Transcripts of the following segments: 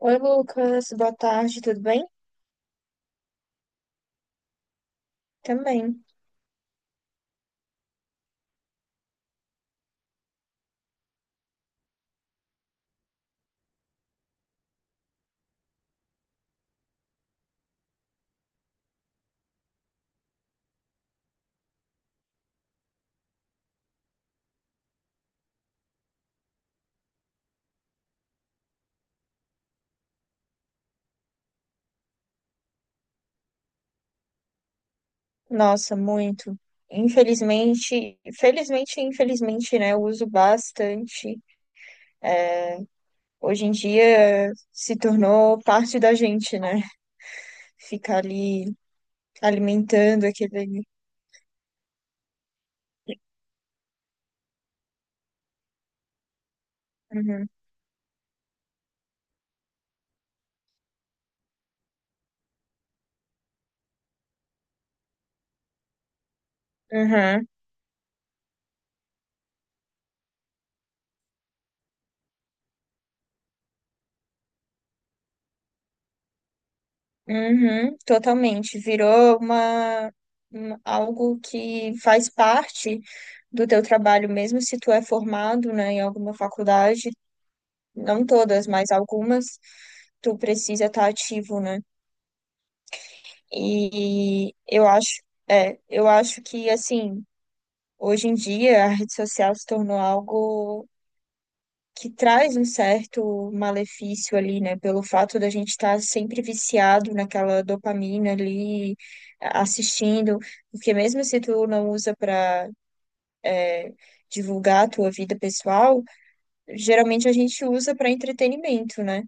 Oi, Lucas, boa tarde, tudo bem? Também. Nossa, muito. Infelizmente, felizmente e infelizmente, né? Eu uso bastante. Hoje em dia se tornou parte da gente, né? Ficar ali alimentando aquele. Uhum, uhum, uhum, totalmente. Virou algo que faz parte do teu trabalho, mesmo se tu é formado, né, em alguma faculdade não todas, mas algumas, tu precisa estar ativo, né? E eu acho, eu acho que assim, hoje em dia a rede social se tornou algo que traz um certo malefício ali, né? Pelo fato da gente estar sempre viciado naquela dopamina ali, assistindo, porque mesmo se tu não usa para divulgar a tua vida pessoal, geralmente a gente usa para entretenimento, né?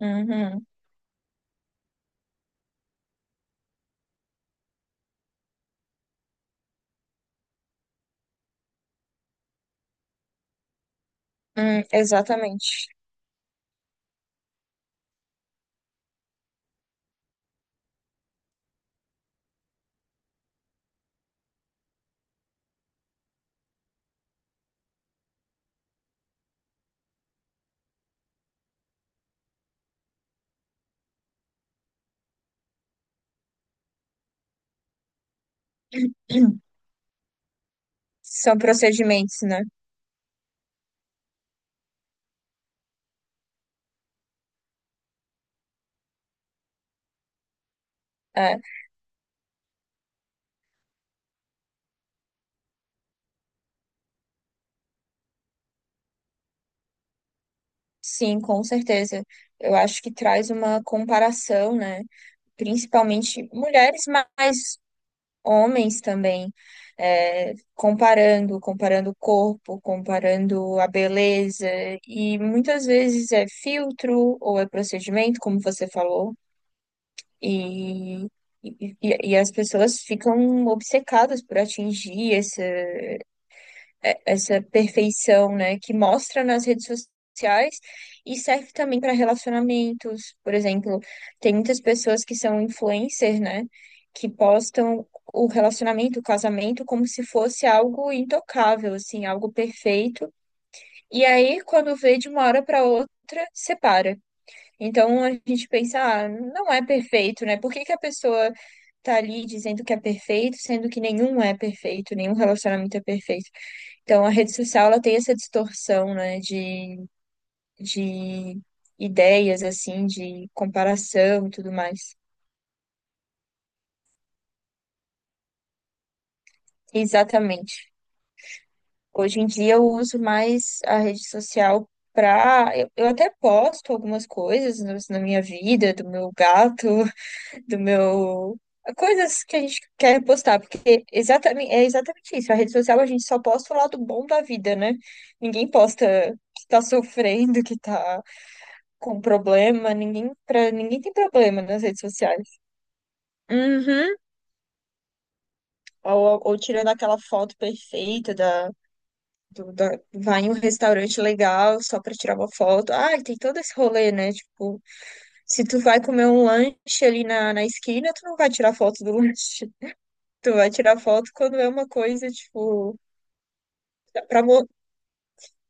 Uhum. Exatamente. São procedimentos, né? É, sim, com certeza. Eu acho que traz uma comparação, né? Principalmente mulheres, mas homens também, comparando, o corpo, comparando a beleza, e muitas vezes é filtro ou é procedimento, como você falou, e, e as pessoas ficam obcecadas por atingir essa perfeição, né, que mostra nas redes sociais e serve também para relacionamentos. Por exemplo, tem muitas pessoas que são influencers, né, que postam o relacionamento, o casamento, como se fosse algo intocável, assim, algo perfeito. E aí, quando vê de uma hora para outra, separa. Então a gente pensa, ah, não é perfeito, né? Por que que a pessoa tá ali dizendo que é perfeito, sendo que nenhum é perfeito, nenhum relacionamento é perfeito. Então, a rede social ela tem essa distorção, né, de ideias, assim, de comparação e tudo mais. Exatamente. Hoje em dia eu uso mais a rede social para. Eu até posto algumas coisas na minha vida, do meu gato, do meu. Coisas que a gente quer postar, porque exatamente, é exatamente isso. A rede social a gente só posta o lado bom da vida, né? Ninguém posta que tá sofrendo, que tá com problema, ninguém, pra, ninguém tem problema nas redes sociais. Uhum. Ou tirando aquela foto perfeita da vai em um restaurante legal só pra tirar uma foto. Ah, tem todo esse rolê, né? Tipo, se tu vai comer um lanche ali na esquina, tu não vai tirar foto do lanche. Tu vai tirar foto quando é uma coisa, tipo, pra, mo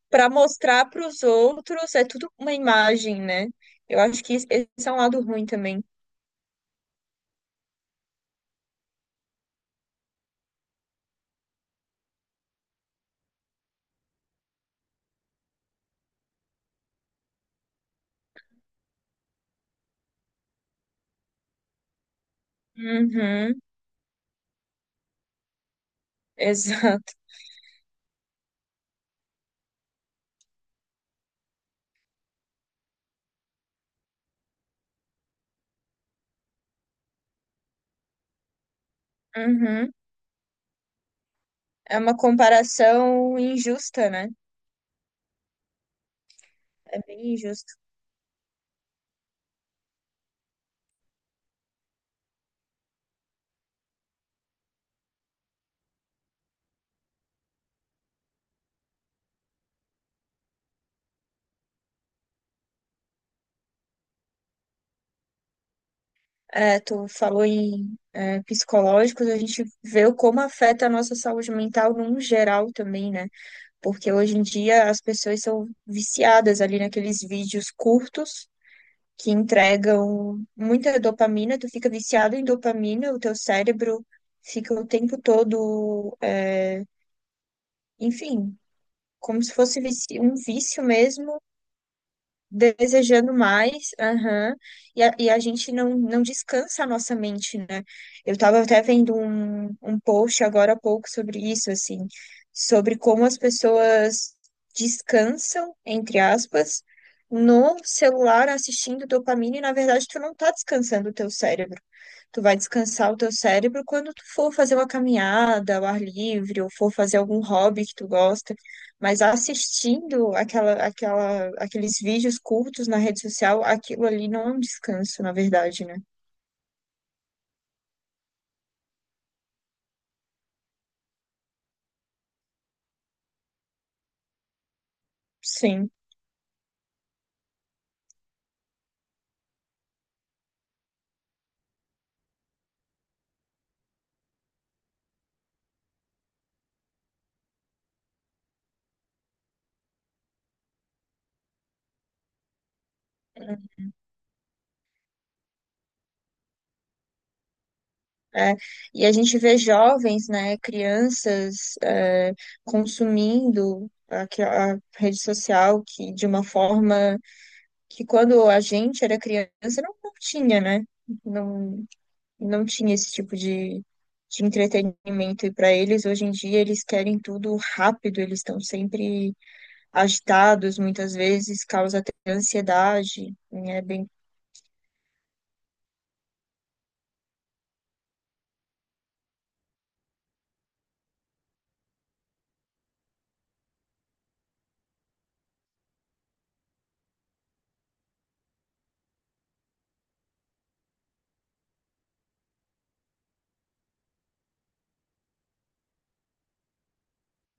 pra mostrar pros outros, é tudo uma imagem, né? Eu acho que esse é um lado ruim também. Uhum, exato. Uhum. É uma comparação injusta, né? É bem injusto. É, tu falou em psicológicos, a gente vê o como afeta a nossa saúde mental num geral também, né? Porque hoje em dia as pessoas são viciadas ali naqueles vídeos curtos que entregam muita dopamina, tu fica viciado em dopamina, o teu cérebro fica o tempo todo, enfim, como se fosse um vício mesmo desejando mais, aham. E a gente não descansa a nossa mente, né? Eu estava até vendo um post agora há pouco sobre isso, assim, sobre como as pessoas descansam, entre aspas, no celular assistindo dopamina, e na verdade tu não tá descansando o teu cérebro. Tu vai descansar o teu cérebro quando tu for fazer uma caminhada ao ar livre, ou for fazer algum hobby que tu gosta. Mas assistindo aqueles vídeos curtos na rede social, aquilo ali não é um descanso, na verdade, né? Sim. É, e a gente vê jovens, né, crianças, consumindo a rede social que de uma forma que quando a gente era criança não, não tinha, né? Não, não tinha esse tipo de entretenimento. E para eles, hoje em dia, eles querem tudo rápido, eles estão sempre agitados muitas vezes, causa até ansiedade, né? Bem,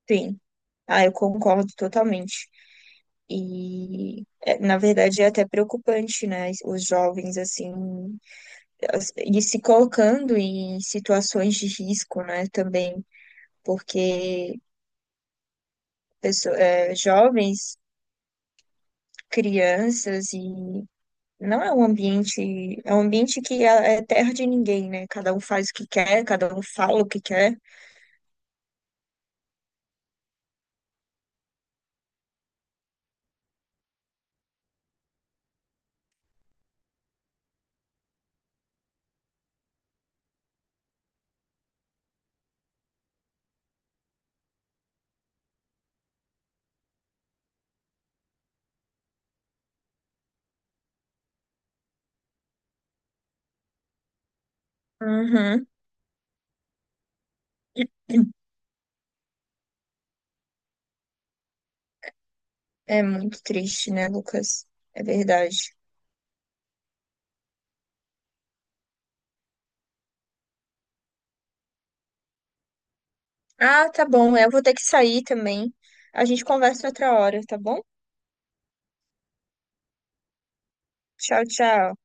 bem. Ah, eu concordo totalmente. Na verdade, é até preocupante, né? Os jovens, assim, e se colocando em situações de risco, né? Também, porque jovens, crianças e. Não é um ambiente, é um ambiente que é terra de ninguém, né? Cada um faz o que quer, cada um fala o que quer. Uhum. É muito triste, né, Lucas? É verdade. Ah, tá bom. Eu vou ter que sair também. A gente conversa outra hora, tá bom? Tchau, tchau.